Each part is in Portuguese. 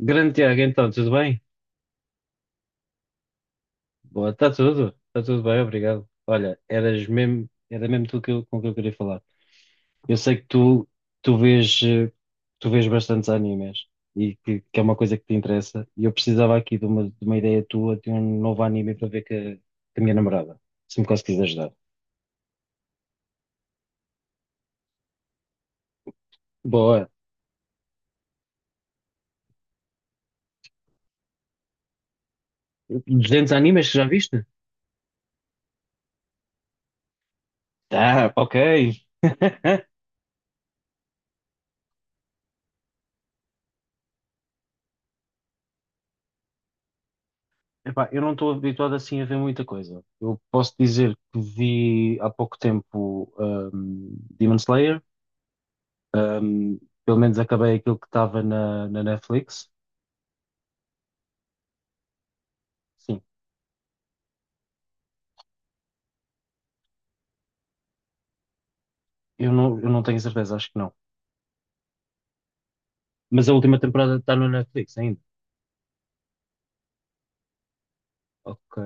Grande Tiago, então, tudo bem? Boa, está tudo bem, obrigado. Olha, eras mesmo, era mesmo tu com que eu queria falar. Eu sei que tu, tu vês, tu vês bastantes animes e que é uma coisa que te interessa. E eu precisava aqui de uma ideia tua, de um novo anime para ver que a minha namorada, se me conseguires ajudar. Boa, 200 animes que já viste? Tá, ok. Epá, eu não estou habituado assim a ver muita coisa. Eu posso dizer que vi há pouco tempo um, Demon Slayer, um, pelo menos acabei aquilo que estava na Netflix. Sim, eu não tenho certeza, acho que não. Mas a última temporada está na Netflix ainda. Ok.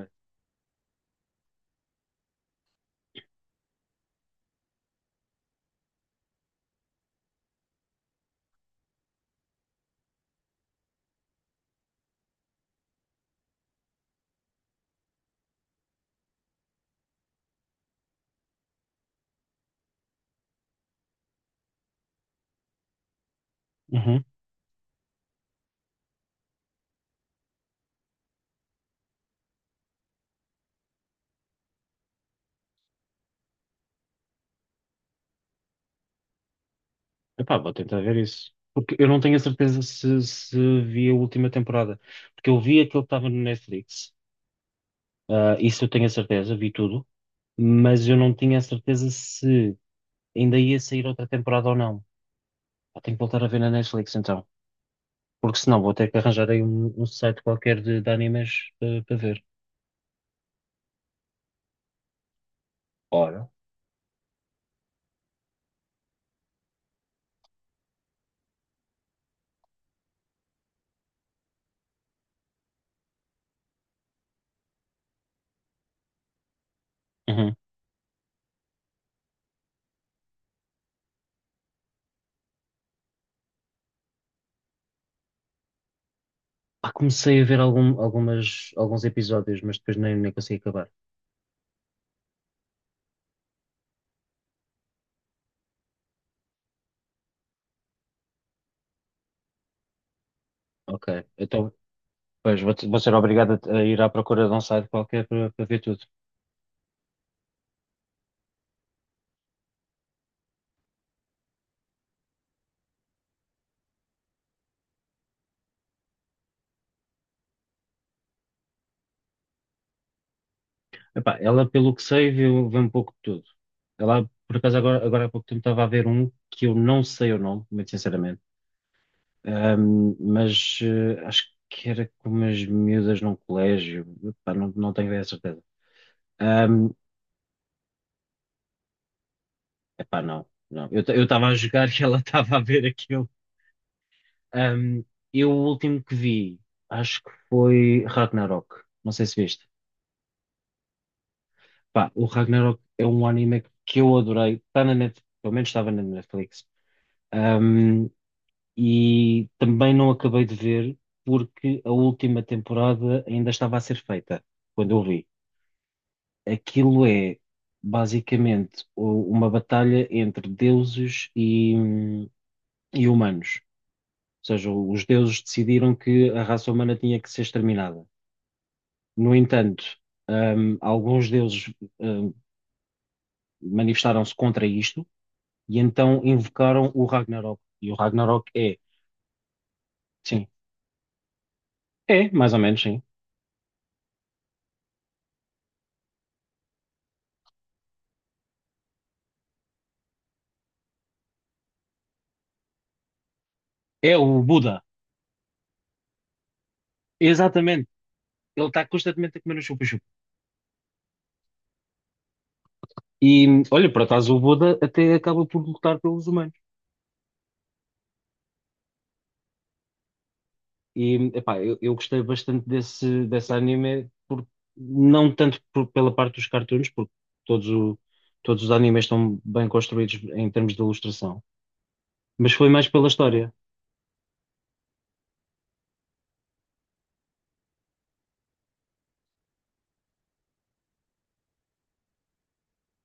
Uhum. Epá, vou tentar ver isso. Porque eu não tenho a certeza se, se vi a última temporada. Porque eu vi aquilo que estava no Netflix. Ah, isso eu tenho a certeza, vi tudo. Mas eu não tinha a certeza se ainda ia sair outra temporada ou não. Pá, tenho que voltar a ver na Netflix então. Porque senão vou ter que arranjar aí um site qualquer de animes para ver. Ora, uhum. Ah, comecei a ver algumas, alguns episódios, mas depois nem, nem consegui acabar. Ok, então pois, vou, vou ser obrigado a ir à procura de um site qualquer para para ver tudo. Epá, ela, pelo que sei, viu, vê um pouco de tudo. Ela, por acaso, agora, agora há pouco tempo estava a ver um que eu não sei o nome, muito sinceramente. Mas acho que era com umas miúdas num colégio. Epá, não, não tenho bem a certeza. Ahm, epá, não, não. Eu estava a jogar e ela estava a ver aquilo. Ahm, eu o último que vi, acho que foi Ragnarok. Não sei se viste. Pá, o Ragnarok é um anime que eu adorei. Está na Netflix, pelo menos estava na Netflix. Ahm, e também não acabei de ver porque a última temporada ainda estava a ser feita quando eu vi. Aquilo é basicamente uma batalha entre deuses e humanos. Ou seja, os deuses decidiram que a raça humana tinha que ser exterminada. No entanto, alguns deuses, hum, manifestaram-se contra isto e então invocaram o Ragnarok. E o Ragnarok é, sim, é, mais ou menos, sim. É o Buda. Exatamente. Ele está constantemente a comer o chupa-chupa. E olha, por acaso o Buda até acaba por lutar pelos humanos. E, epá, eu gostei bastante desse, desse anime, por, não tanto pela parte dos cartoons, porque todos, o- todos os animes estão bem construídos em termos de ilustração, mas foi mais pela história.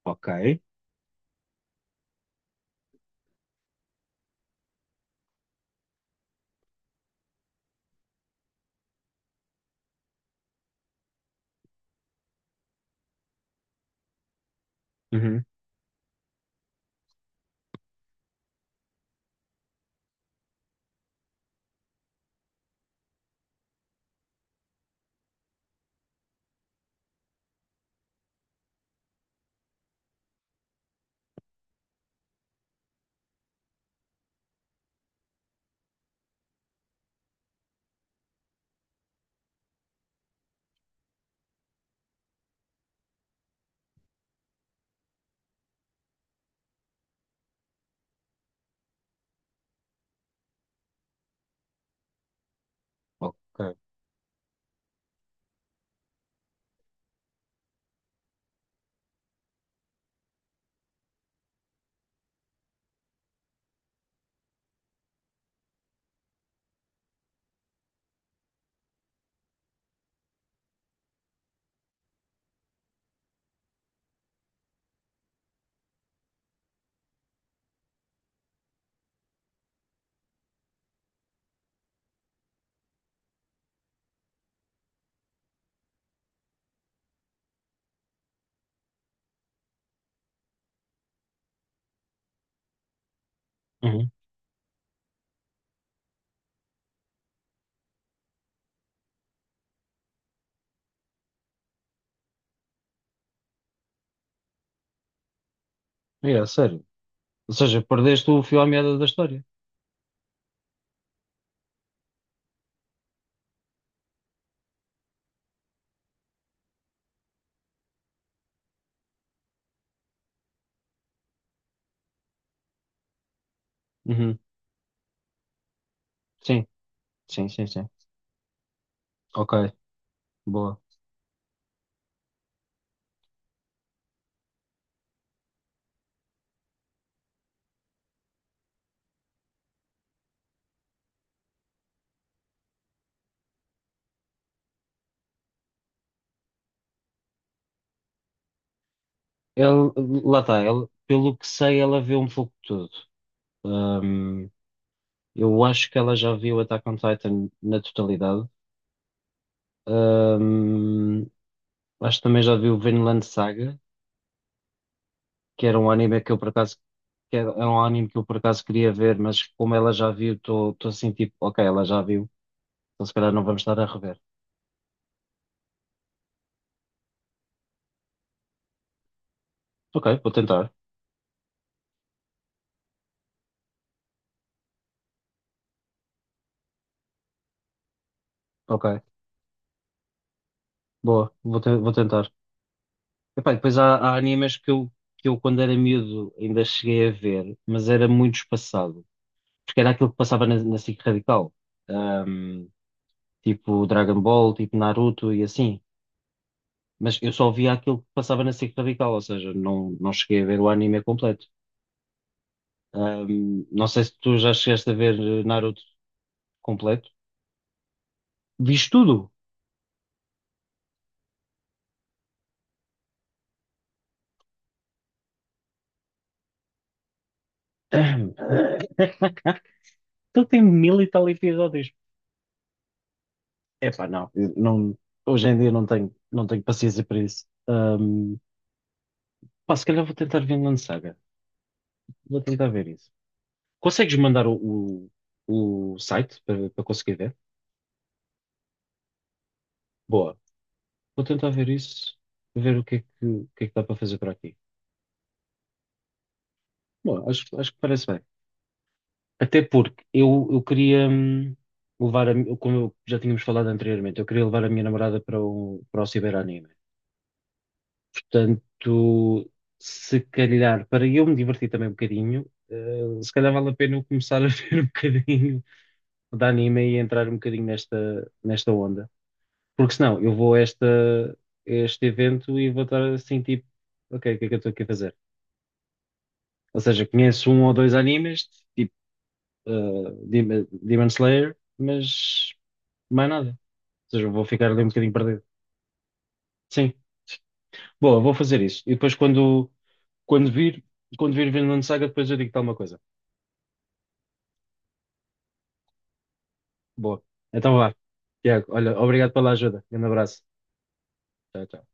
Ok. Uhum. Ok. Uhum. É, sério. Ou seja, perdeste o fio à meada da história. Uhum. Sim, sim, sim, sim. Ok, boa. Ele, lá está, ele, pelo que sei, ela viu um pouco de tudo. Ahm, eu acho que ela já viu Attack on Titan na totalidade. Ahm, acho que também já vi o Vinland Saga, que era um anime que eu por acaso que era um anime que eu por acaso queria ver, mas como ela já viu, estou assim tipo, ok, ela já viu, então se calhar não vamos estar a rever. Ok, vou tentar. Ok, boa, vou, vou tentar. Epá, e depois há, há animes que eu quando era miúdo ainda cheguei a ver, mas era muito espaçado, porque era aquilo que passava na SIC Radical, Ahm, tipo Dragon Ball, tipo Naruto e assim. Mas eu só via aquilo que passava na SIC Radical, ou seja, não, não cheguei a ver o anime completo. Não sei se tu já chegaste a ver Naruto completo. Viste tudo? Ahm, Então tem mil e tal episódios. Epá, não, eu não, hoje em dia não tenho, não tenho paciência para isso. Pá, se calhar vou tentar Vinland Saga. Vou tentar ver isso. Consegues mandar o site para, para conseguir ver? Boa. Vou tentar ver isso, ver o que é que, o que é que dá para fazer por aqui. Bom, acho, acho que parece bem. Até porque eu queria levar como já tínhamos falado anteriormente, eu queria levar a minha namorada para para o ciberanime. Portanto, se calhar, para eu me divertir também um bocadinho, se calhar vale a pena eu começar a ver um bocadinho de anime e entrar um bocadinho nesta, nesta onda. Porque senão eu vou a esta, a este evento e vou estar assim, tipo, ok, o que é que eu estou aqui a fazer? Ou seja, conheço um ou dois animes, tipo Demon Slayer, mas mais nada. Ou seja, eu vou ficar ali um bocadinho perdido. Sim, boa, vou fazer isso. E depois quando, quando vir, quando vir Vinland Saga, depois eu digo tal uma coisa. Boa. Então vá. Tiago, olha, obrigado pela ajuda. Grande abraço. Tchau, tchau.